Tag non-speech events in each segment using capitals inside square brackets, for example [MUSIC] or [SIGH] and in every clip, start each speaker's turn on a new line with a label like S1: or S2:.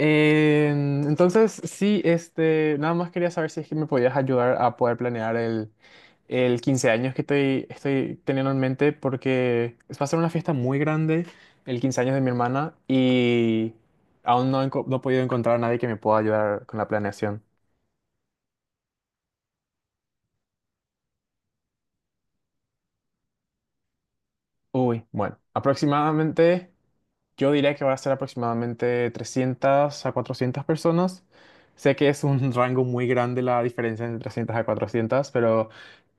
S1: Sí, nada más quería saber si es que me podías ayudar a poder planear el 15 años que estoy teniendo en mente, porque va a ser una fiesta muy grande, el 15 años de mi hermana, y aún no he podido encontrar a nadie que me pueda ayudar con la planeación. Uy, bueno, aproximadamente, yo diría que va a ser aproximadamente 300 a 400 personas. Sé que es un [LAUGHS] rango muy grande la diferencia entre 300 a 400, pero...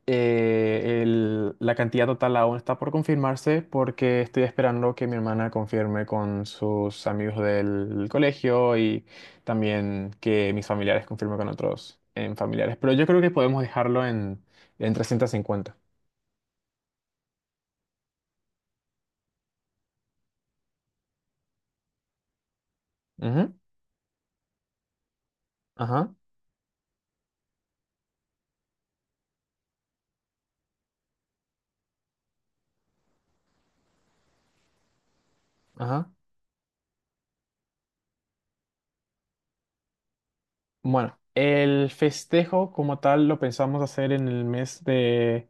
S1: La cantidad total aún está por confirmarse porque estoy esperando que mi hermana confirme con sus amigos del colegio y también que mis familiares confirmen con otros en familiares. Pero yo creo que podemos dejarlo en 350. Ujú. Ajá, ajá. Bueno, el festejo como tal lo pensamos hacer en el mes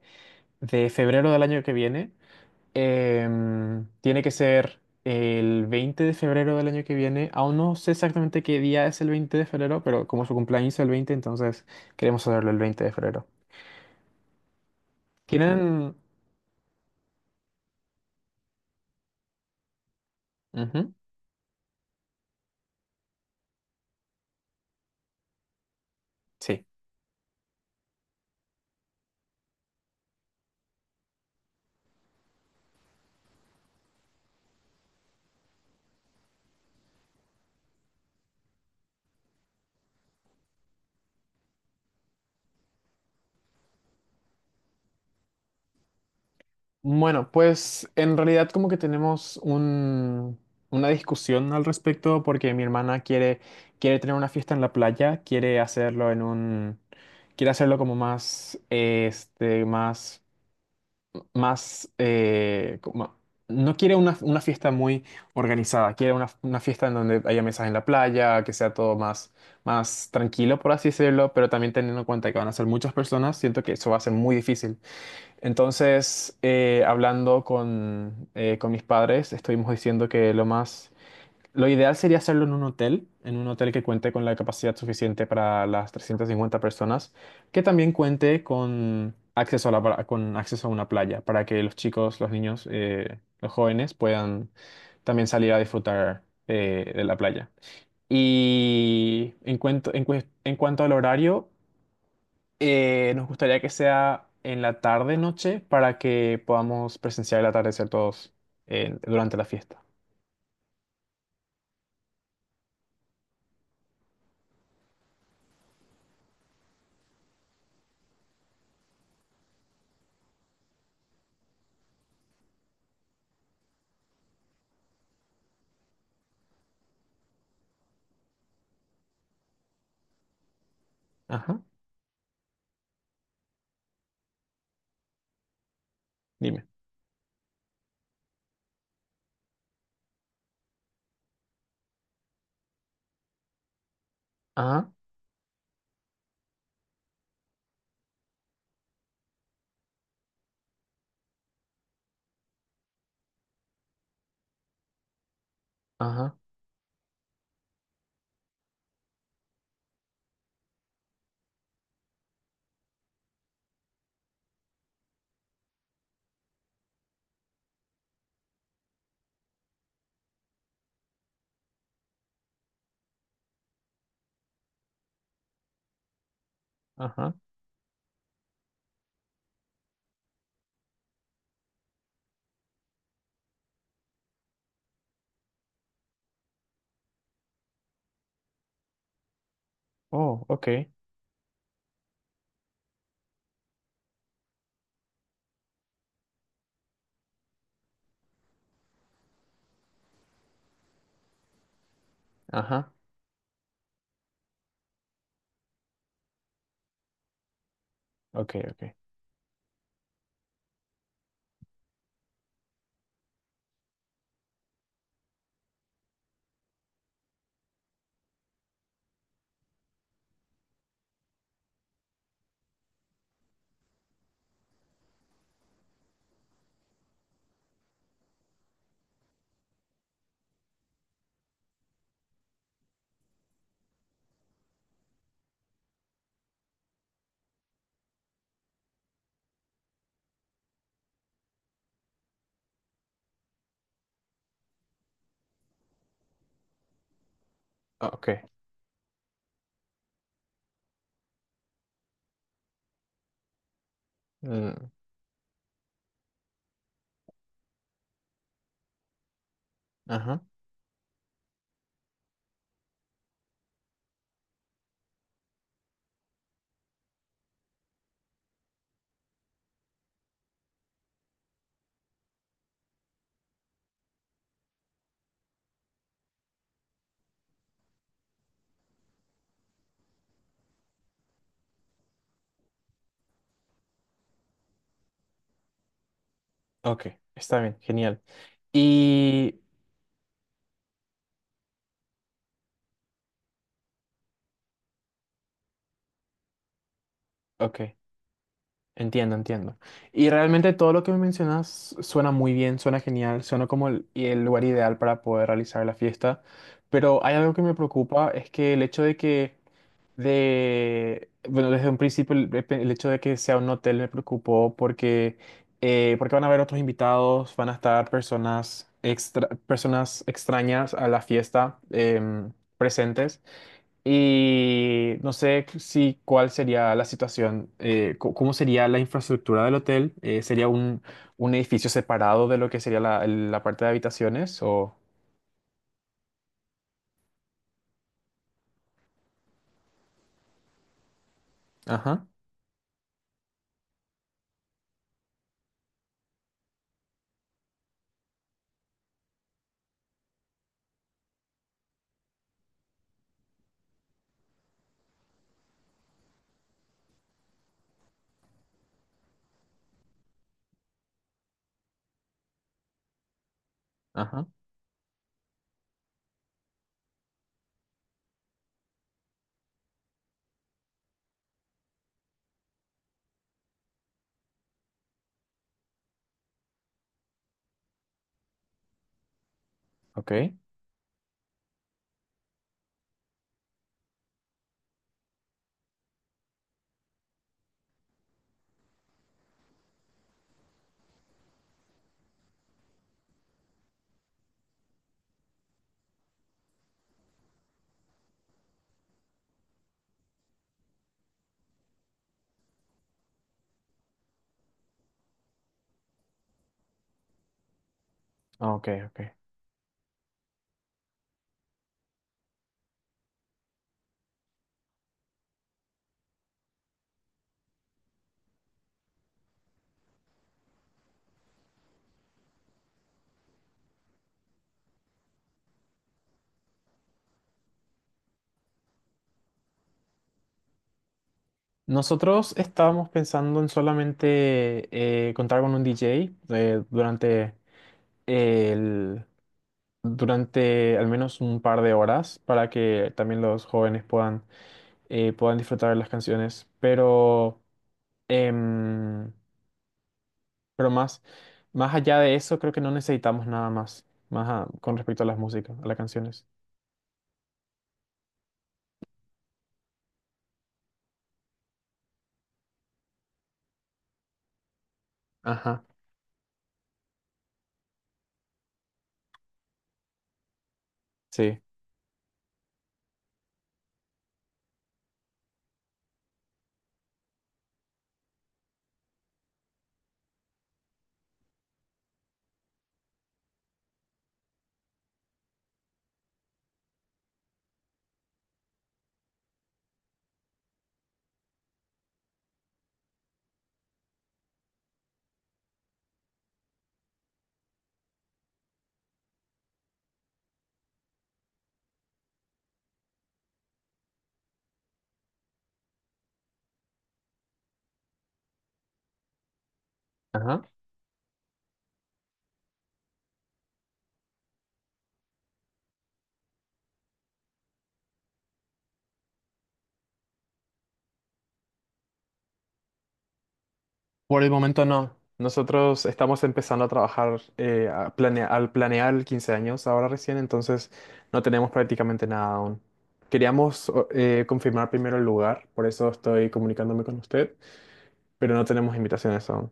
S1: de febrero del año que viene. Tiene que ser el 20 de febrero del año que viene. Aún no sé exactamente qué día es el 20 de febrero, pero como su cumpleaños es el 20, entonces queremos saberlo el 20 de febrero. ¿Tienen...? Ujú. Sí. Bueno, pues en realidad como que tenemos una discusión al respecto porque mi hermana quiere tener una fiesta en la playa, quiere hacerlo en un... Quiere hacerlo como más, este, más, eh, como- no quiere una fiesta muy organizada, quiere una fiesta en donde haya mesas en la playa, que sea todo más, más tranquilo, por así decirlo, pero también teniendo en cuenta que van a ser muchas personas, siento que eso va a ser muy difícil. Entonces, hablando con mis padres, estuvimos diciendo que lo más... Lo ideal sería hacerlo en un hotel que cuente con la capacidad suficiente para las 350 personas, que también cuente con acceso a con acceso a una playa, para que los chicos, los niños, los jóvenes puedan también salir a disfrutar de la playa. Y en en cuanto al horario, nos gustaría que sea en la tarde, noche, para que podamos presenciar el atardecer todos durante la fiesta. Ajá, dime. Ajá, ajá. Ajá. Oh, ok. Ajá. Ok, ok. Oh, ok. Mm, ajá. Ok. Está bien. Genial. Y... Ok. Entiendo, entiendo. Y realmente todo lo que me mencionas suena muy bien, suena genial, suena como el lugar ideal para poder realizar la fiesta. Pero hay algo que me preocupa, es que el hecho de que de, bueno, desde un principio el hecho de que sea un hotel me preocupó porque, porque van a haber otros invitados, van a estar personas, extra, personas extrañas a la fiesta presentes y no sé si cuál sería la situación, cómo sería la infraestructura del hotel, sería un edificio separado de lo que sería la parte de habitaciones o... Ajá, ajá, ok, ok, ok. Nosotros estábamos pensando en solamente contar con un DJ durante el, durante al menos un par de horas para que también los jóvenes puedan disfrutar de las canciones. Pero, em, pero más allá de eso, creo que no necesitamos nada más, con respecto a las músicas, a las canciones. Ajá, sí. Ajá. Por el momento no. Nosotros estamos empezando a trabajar al planear 15 años ahora recién, entonces no tenemos prácticamente nada aún. Queríamos confirmar primero el lugar, por eso estoy comunicándome con usted, pero no tenemos invitaciones aún.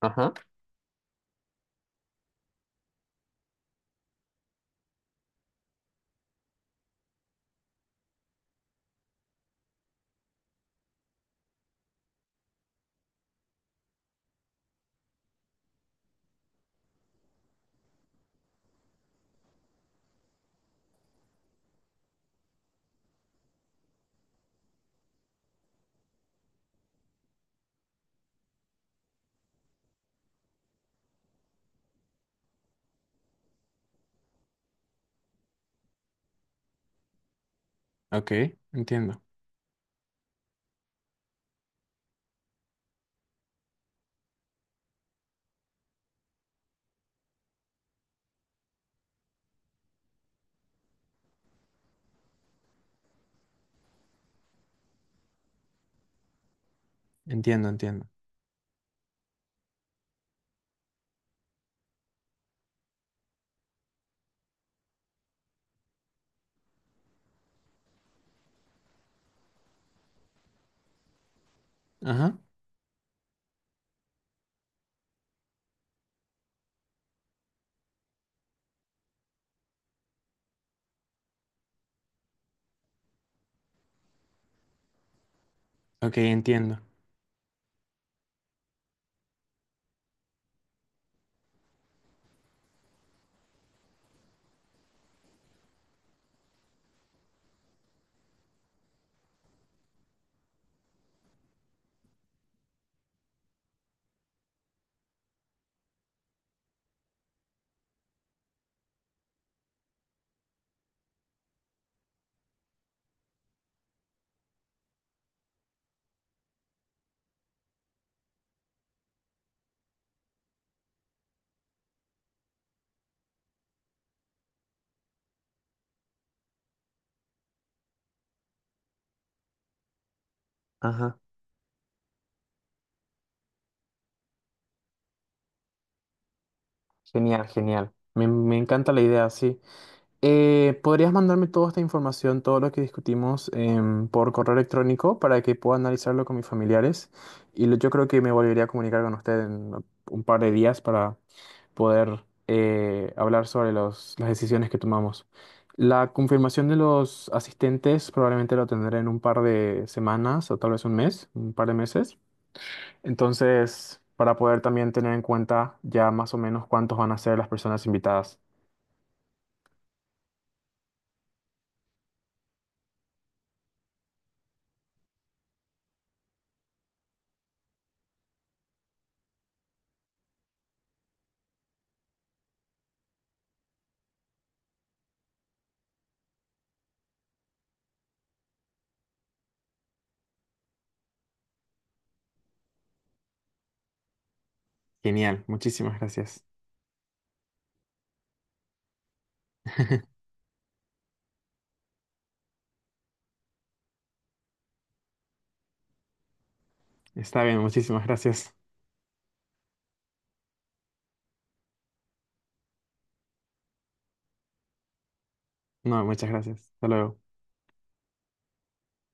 S1: Ajá. Ok, entiendo, entiendo, entiendo. Ajá. Ok, entiendo. Ajá, genial, genial. Me encanta la idea, sí. ¿Podrías mandarme toda esta información, todo lo que discutimos por correo electrónico para que pueda analizarlo con mis familiares? Y yo creo que me volvería a comunicar con usted en un par de días para poder hablar sobre las decisiones que tomamos. La confirmación de los asistentes probablemente lo tendré en un par de semanas o tal vez un mes, un par de meses. Entonces, para poder también tener en cuenta ya más o menos cuántos van a ser las personas invitadas. Genial, muchísimas gracias. [LAUGHS] Está bien, muchísimas gracias. No, muchas gracias. Hasta luego.